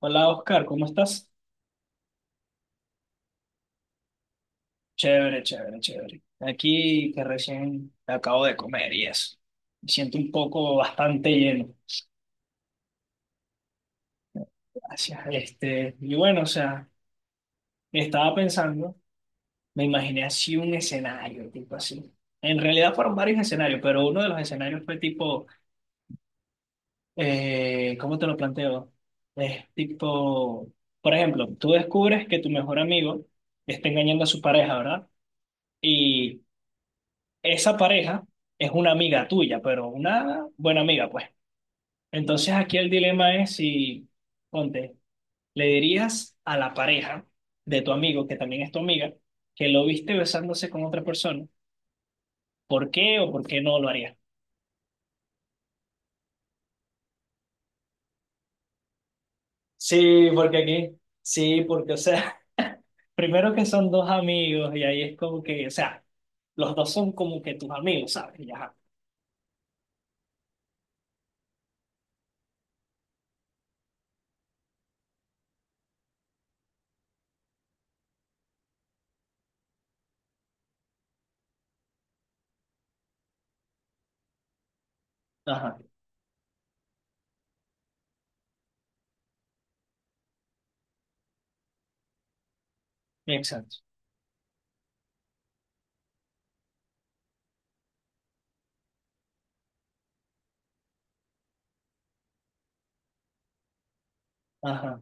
Hola Oscar, ¿cómo estás? Chévere, chévere, chévere. Aquí que recién acabo de comer y eso. Me siento un poco bastante lleno. Gracias. Y bueno, o sea, estaba pensando, me imaginé así un escenario, tipo así. En realidad fueron varios escenarios, pero uno de los escenarios fue tipo, ¿cómo te lo planteo? Es tipo, por ejemplo, tú descubres que tu mejor amigo está engañando a su pareja, ¿verdad? Y esa pareja es una amiga tuya, pero una buena amiga, pues. Entonces aquí el dilema es si, ponte, le dirías a la pareja de tu amigo, que también es tu amiga, que lo viste besándose con otra persona. ¿Por qué o por qué no lo harías? Sí, porque aquí, sí, porque, o sea, primero que son dos amigos y ahí es como que, o sea, los dos son como que tus amigos, ¿sabes? Y ajá, ajá, exacto. Ajá,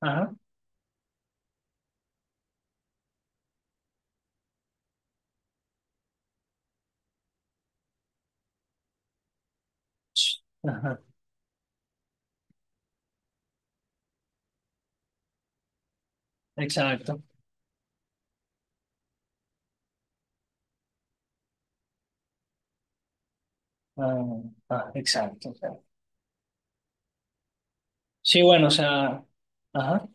ajá, ajá, exacto. Ah, ah, exacto, o sea. Sí, bueno, o sea, ajá,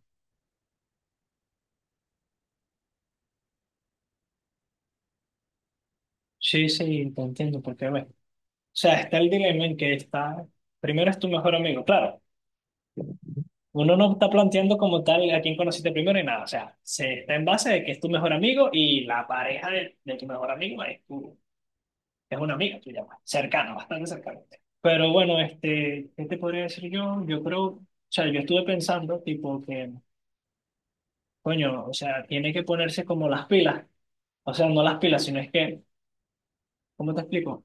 sí, sí, te entiendo, porque, bueno, o sea, está el dilema en que está, primero es tu mejor amigo, claro, uno no está planteando como tal a quién conociste primero y nada, o sea, se está en base de que es tu mejor amigo y la pareja de, tu mejor amigo es, tu, es una amiga tuya, pues, cercana, bastante cercana. Pero bueno, ¿qué te podría decir yo? Yo creo, o sea, yo estuve pensando, tipo, que, coño, o sea, tiene que ponerse como las pilas. O sea, no las pilas, sino es que ¿cómo te explico?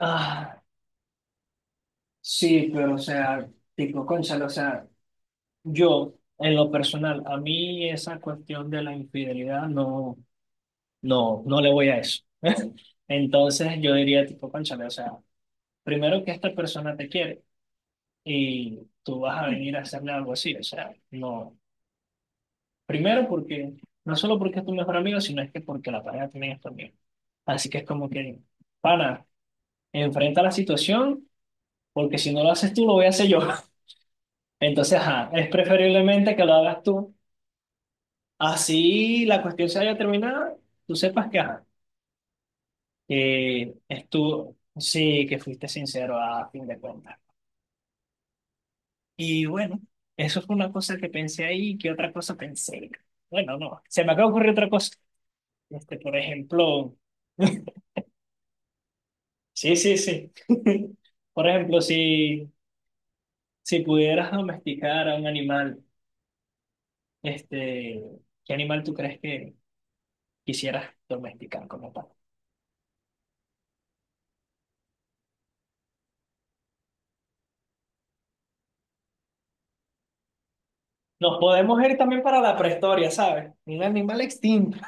Ah, sí, pero o sea, tipo, cónchale, o sea, yo, en lo personal, a mí esa cuestión de la infidelidad no, no, no le voy a eso. Entonces yo diría, tipo, cónchale, o sea, primero que esta persona te quiere y tú vas a venir a hacerle algo así, o sea, no. Primero porque, no solo porque es tu mejor amigo, sino es que porque la pareja también es tu amigo. Así que es como que, pana, enfrenta la situación, porque si no lo haces tú, lo voy a hacer yo. Entonces, ajá, es preferiblemente que lo hagas tú. Así la cuestión se haya terminado, tú sepas que, ajá, que es tú, sí, que fuiste sincero a fin de cuentas. Y bueno, eso fue una cosa que pensé ahí, ¿qué otra cosa pensé? Bueno, no, se me acaba de ocurrir otra cosa. Por ejemplo, sí, sí, sí. Por ejemplo, si, si pudieras domesticar a un animal, este, ¿qué animal tú crees que quisieras domesticar como tal? Nos podemos ir también para la prehistoria, ¿sabes? Un animal extinto.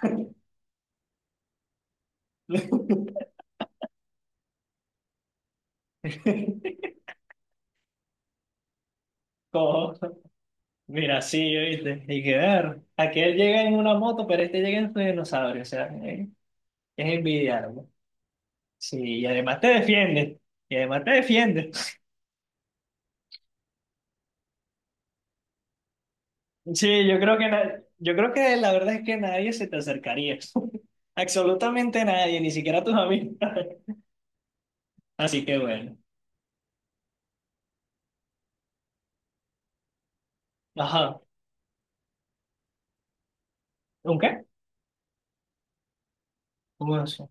Cojo. Mira, sí, oíste. Hay que ver. Aquel llega en una moto, pero este llega en su dinosaurio. O sea, es envidiable. Sí, y además te defiende. Y además te defiende. Sí, yo creo que yo creo que la verdad es que nadie se te acercaría. Absolutamente nadie, ni siquiera tus amigos. Así que bueno. Ajá. ¿Un qué? Un oso.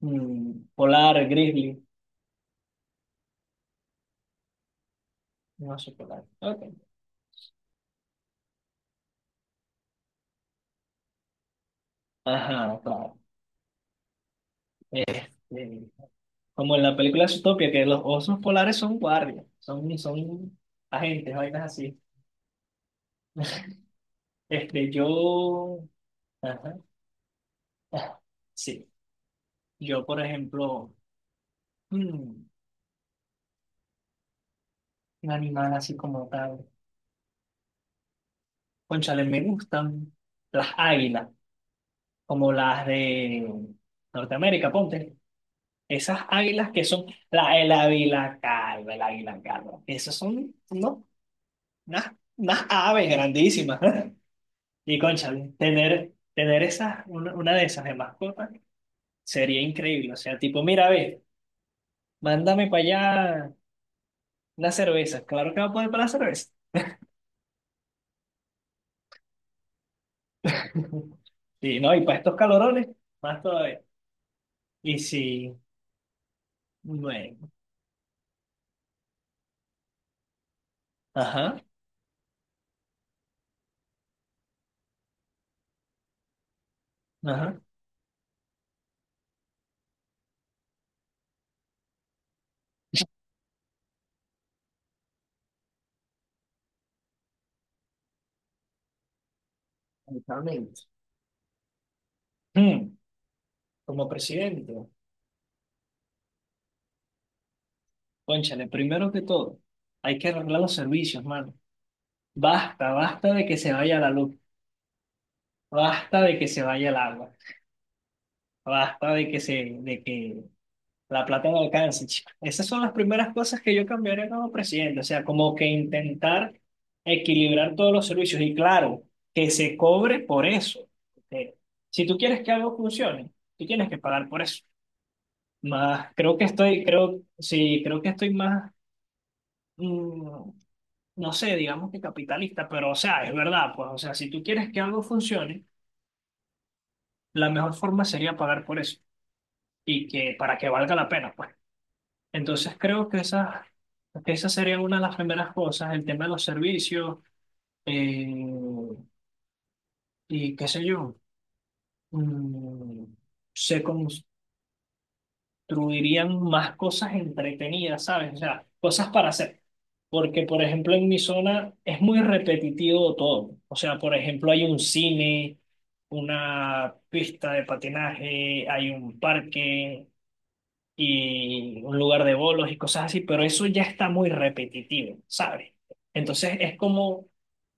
Mm, polar, grizzly. Un oso polar. Ok. Ajá, claro. Este, Como en la película Zootopia, que los osos polares son guardias, son, agentes, vainas así. Yo, ajá, ah, sí, yo por ejemplo, mm, un animal así como tal, cónchale, me gustan las águilas, como las de Norteamérica, ponte, esas águilas que son, el águila calva, esas son, no, unas, aves grandísimas, y cónchale, tener, esas, una, de esas de mascotas sería increíble. O sea, tipo, mira, ve, mándame para allá una cerveza. Claro que va a poder para la cerveza. Sí, no, y para estos calorones, más todavía. Y si, bueno, ajá, ajá. Exactamente. Mm, como presidente, cónchale, primero que todo, hay que arreglar los servicios, mano. Basta, basta de que se vaya la luz, basta de que se vaya el agua, basta de que se, de que la plata no alcanza, chico. Esas son las primeras cosas que yo cambiaría como presidente, o sea, como que intentar equilibrar todos los servicios y claro, que se cobre por eso. Eh, si tú quieres que algo funcione, tú tienes que pagar por eso. Más, creo que estoy, creo, sí, creo que estoy más, mm, no sé, digamos que capitalista, pero o sea, es verdad, pues, o sea, si tú quieres que algo funcione, la mejor forma sería pagar por eso y que para que valga la pena, pues. Entonces creo que esas serían una de las primeras cosas, el tema de los servicios eh, y qué sé yo, mm, se construirían más cosas entretenidas, ¿sabes? O sea, cosas para hacer. Porque, por ejemplo, en mi zona es muy repetitivo todo. O sea, por ejemplo, hay un cine, una pista de patinaje, hay un parque, y un lugar de bolos y cosas así, pero eso ya está muy repetitivo, ¿sabes? Entonces es como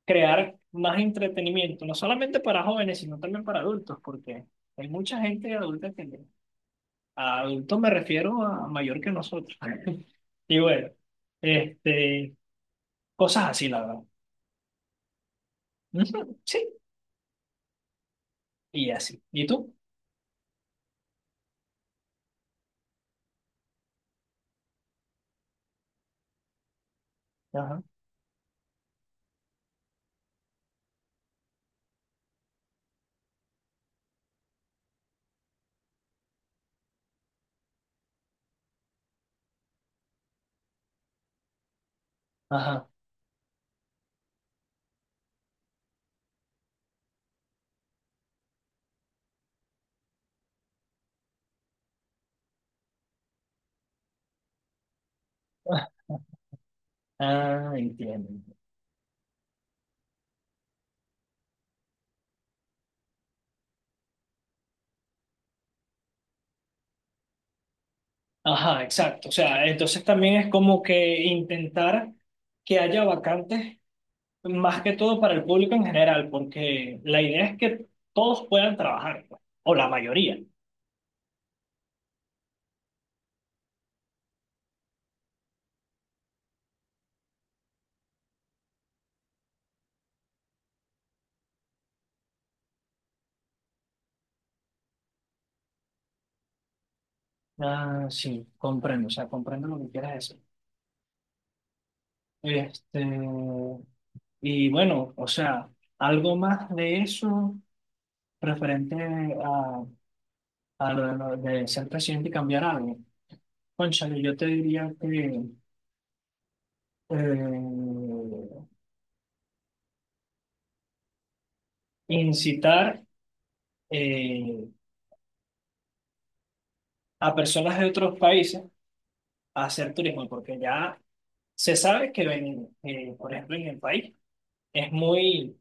crear más entretenimiento, no solamente para jóvenes, sino también para adultos, porque hay mucha gente adulta que... A adultos me refiero a mayor que nosotros. Y bueno, este, cosas así, la verdad. Ujú, sí, y así. ¿Y tú? Ajá, ajá. Ah, entiendo. Ajá, exacto. O sea, entonces también es como que intentar que haya vacantes, más que todo para el público en general, porque la idea es que todos puedan trabajar, pues, o la mayoría. Ah, sí, comprendo, o sea, comprendo lo que quieras decir. Este, y bueno, o sea, algo más de eso referente a, lo de, ser presidente y cambiar algo. Cónchale, yo te diría que eh, incitar eh, a personas de otros países a hacer turismo, porque ya se sabe que, en, por ejemplo, en el país es muy,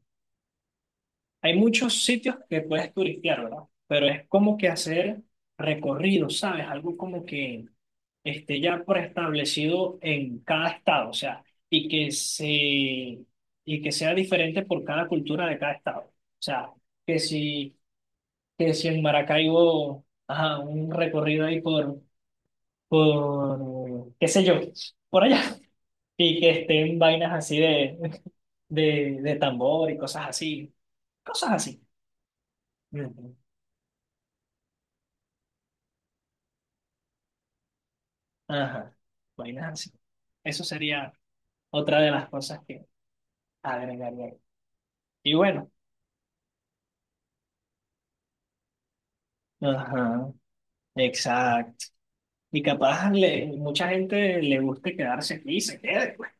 hay muchos sitios que puedes turistear, ¿verdad? Pero es como que hacer recorridos, ¿sabes? Algo como que esté ya preestablecido en cada estado, o sea, y que se, y que sea diferente por cada cultura de cada estado. O sea, que si, en Maracaibo, ajá, un recorrido ahí por qué sé yo, por allá, y que estén vainas así de, tambor y cosas así, cosas así. Ujú. Ajá, vainas así. Eso sería otra de las cosas que agregaría. Y bueno, ajá, exacto. Y capaz le, mucha gente le guste quedarse aquí y se quede, pues.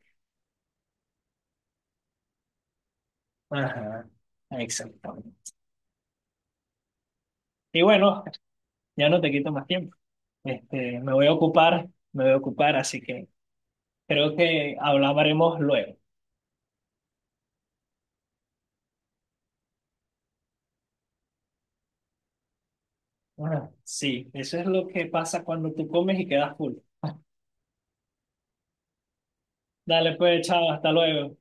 Ajá, exactamente. Y bueno, ya no te quito más tiempo. Me voy a ocupar, me voy a ocupar, así que creo que hablaremos luego. Ajá. Sí, eso es lo que pasa cuando tú comes y quedas full. Dale pues, chao, hasta luego.